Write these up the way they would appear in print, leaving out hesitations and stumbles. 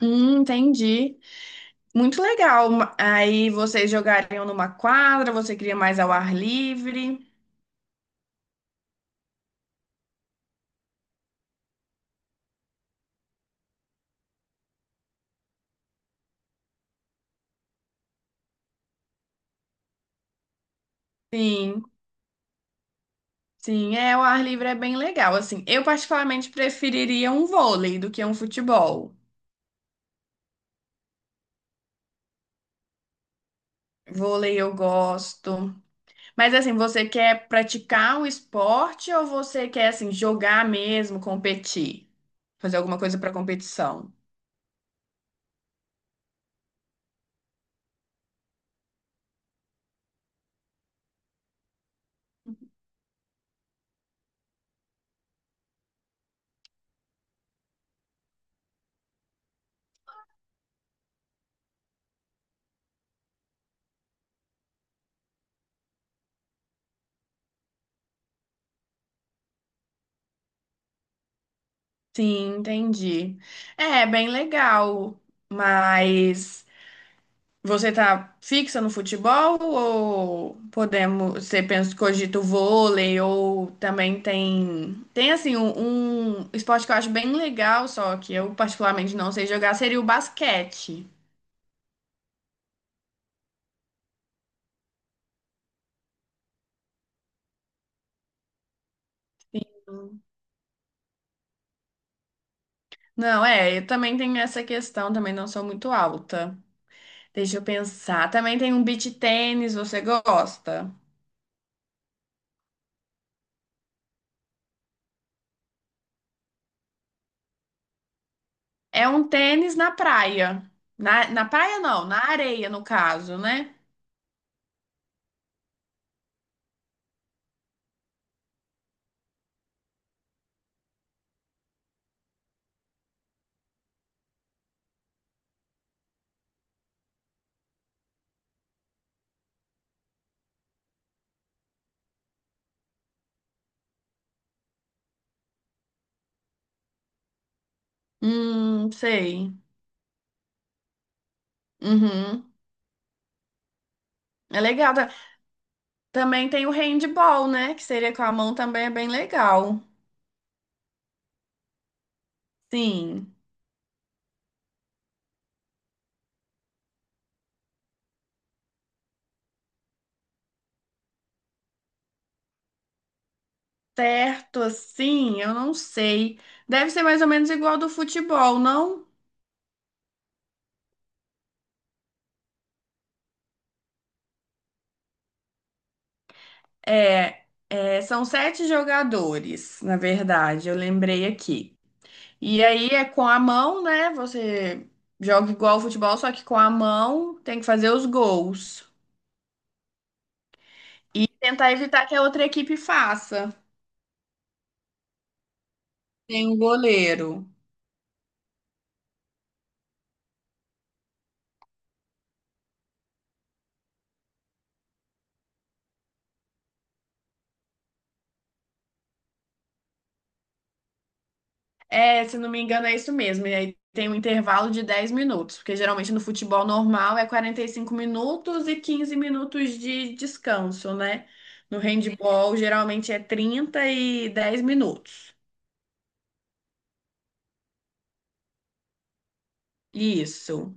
Entendi. Muito legal. Aí vocês jogariam numa quadra, você queria mais ao ar livre. Sim, sim, é, o ar livre é bem legal. Assim, eu particularmente preferiria um vôlei do que um futebol. Vôlei eu gosto. Mas assim, você quer praticar o esporte ou você quer assim jogar mesmo, competir? Fazer alguma coisa para competição? Sim, entendi. É, bem legal, mas você tá fixa no futebol ou podemos, você pensa, cogita o vôlei ou também tem, assim um esporte que eu acho bem legal, só que eu particularmente não sei jogar, seria o basquete. Não, é, eu também tenho essa questão, também não sou muito alta. Deixa eu pensar. Também tem um beach tênis, você gosta? É um tênis na praia. Na praia não, na areia no caso, né? Sei. Uhum. É legal. Também tem o handball, né? Que seria com a mão também é bem legal. Sim. Certo, assim, eu não sei. Deve ser mais ou menos igual do futebol, não? É, é, são sete jogadores, na verdade, eu lembrei aqui. E aí é com a mão, né? Você joga igual ao futebol, só que com a mão tem que fazer os gols. Tentar evitar que a outra equipe faça. Tem um goleiro. É, se não me engano, é isso mesmo. E aí tem um intervalo de 10 minutos, porque geralmente no futebol normal é 45 minutos e 15 minutos de descanso, né? No handball geralmente é 30 e 10 minutos. Isso.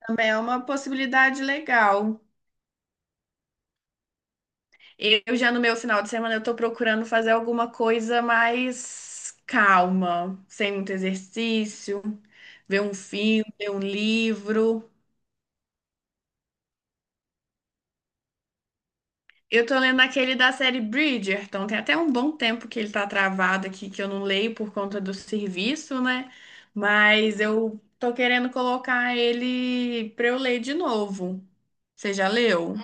Também é uma possibilidade legal. Eu já no meu final de semana eu tô procurando fazer alguma coisa mais calma, sem muito exercício, ver um filme, ler um livro. Eu tô lendo aquele da série Bridgerton. Tem até um bom tempo que ele tá travado aqui, que eu não leio por conta do serviço, né? Mas eu tô querendo colocar ele pra eu ler de novo. Você já leu?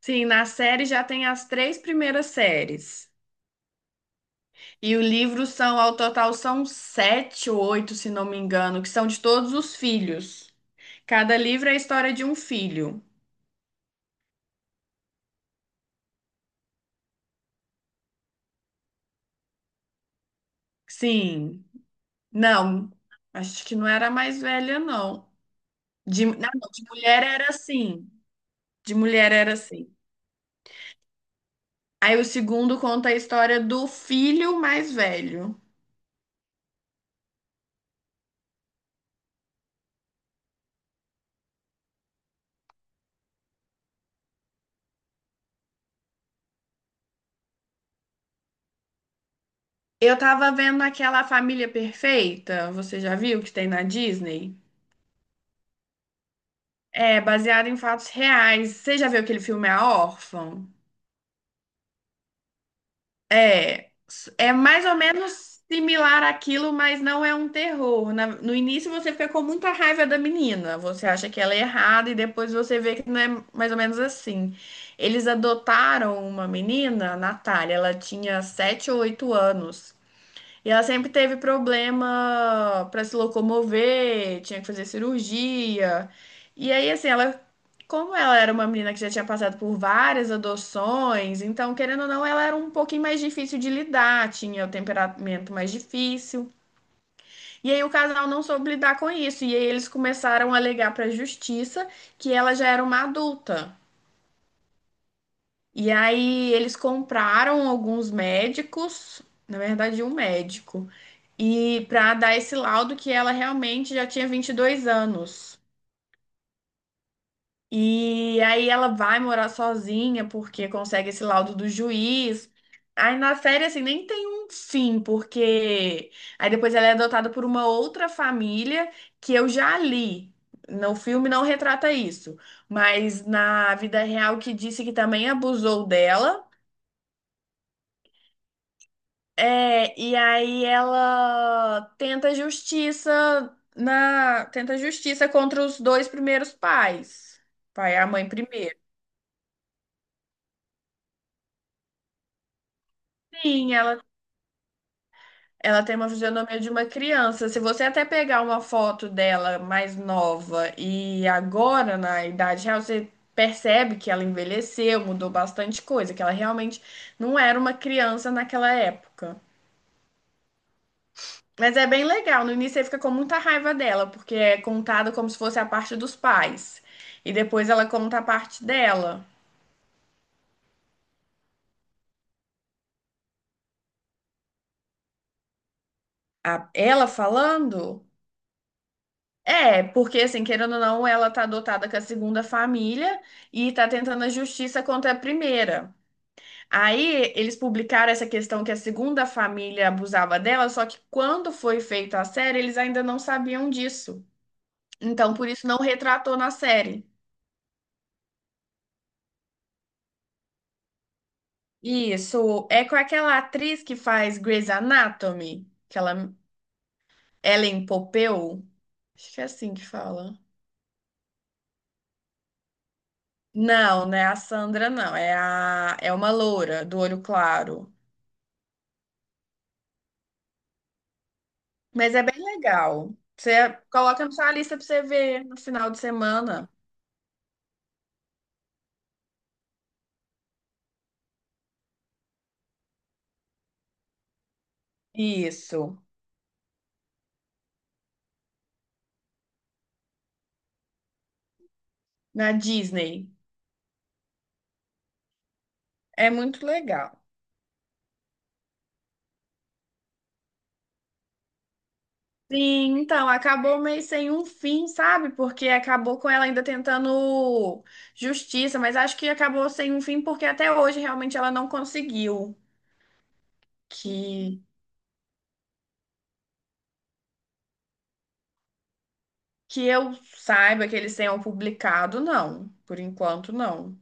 Sim, na série já tem as três primeiras séries. E o livro são, ao total, são sete ou oito, se não me engano, que são de todos os filhos. Cada livro é a história de um filho. Sim. Não, acho que não era a mais velha, não. Não, não, de mulher era assim. De mulher era assim. Aí o segundo conta a história do filho mais velho. Eu tava vendo aquela Família Perfeita, você já viu que tem na Disney? É, baseado em fatos reais. Você já viu aquele filme A Órfã? É, é mais ou menos similar àquilo, mas não é um terror. No início você fica com muita raiva da menina, você acha que ela é errada e depois você vê que não é mais ou menos assim. Eles adotaram uma menina, a Natália, ela tinha 7 ou 8 anos. E ela sempre teve problema para se locomover, tinha que fazer cirurgia. E aí, assim, ela, como ela era uma menina que já tinha passado por várias adoções, então, querendo ou não, ela era um pouquinho mais difícil de lidar, tinha o temperamento mais difícil. E aí o casal não soube lidar com isso, e aí eles começaram a alegar para a justiça que ela já era uma adulta. E aí eles compraram alguns médicos, na verdade, um médico, e para dar esse laudo que ela realmente já tinha 22 anos. E aí ela vai morar sozinha porque consegue esse laudo do juiz. Aí na série assim nem tem um fim, porque aí depois ela é adotada por uma outra família que eu já li. No filme não retrata isso, mas na vida real que disse que também abusou dela. É, e aí ela tenta justiça na, tenta justiça contra os dois primeiros pais, pai e a mãe primeiro. Sim, ela tem uma fisionomia de uma criança. Se você até pegar uma foto dela mais nova e agora na idade real, você percebe que ela envelheceu, mudou bastante coisa, que ela realmente não era uma criança naquela época. Mas é bem legal. No início você fica com muita raiva dela, porque é contado como se fosse a parte dos pais. E depois ela conta a parte dela. Ela falando? É, porque assim, querendo ou não, ela tá adotada com a segunda família e tá tentando a justiça contra a primeira. Aí eles publicaram essa questão que a segunda família abusava dela, só que quando foi feita a série, eles ainda não sabiam disso. Então, por isso não retratou na série. Isso, é com aquela atriz que faz Grey's Anatomy, aquela Ellen Pompeo, acho que é assim que fala. Não, não é a Sandra, não, é a é uma loura do olho claro, mas é bem legal. Você coloca na sua lista pra você ver no final de semana. Isso, na Disney. É muito legal. Sim, então, acabou meio sem um fim, sabe? Porque acabou com ela ainda tentando justiça, mas acho que acabou sem um fim porque até hoje realmente ela não conseguiu que, que eu saiba que eles tenham publicado, não. Por enquanto, não.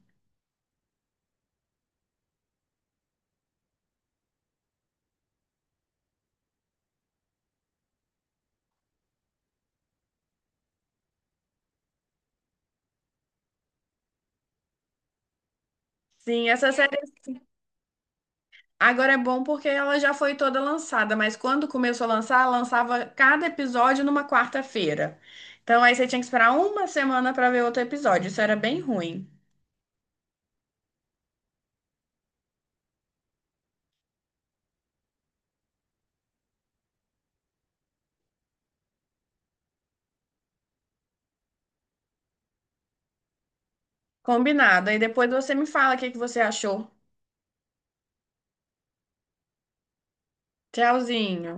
Sim, essa série agora é bom porque ela já foi toda lançada, mas quando começou a lançar, ela lançava cada episódio numa quarta-feira. Então aí você tinha que esperar uma semana para ver outro episódio. Isso era bem ruim. Combinado. Aí depois você me fala o que que você achou. Tchauzinho.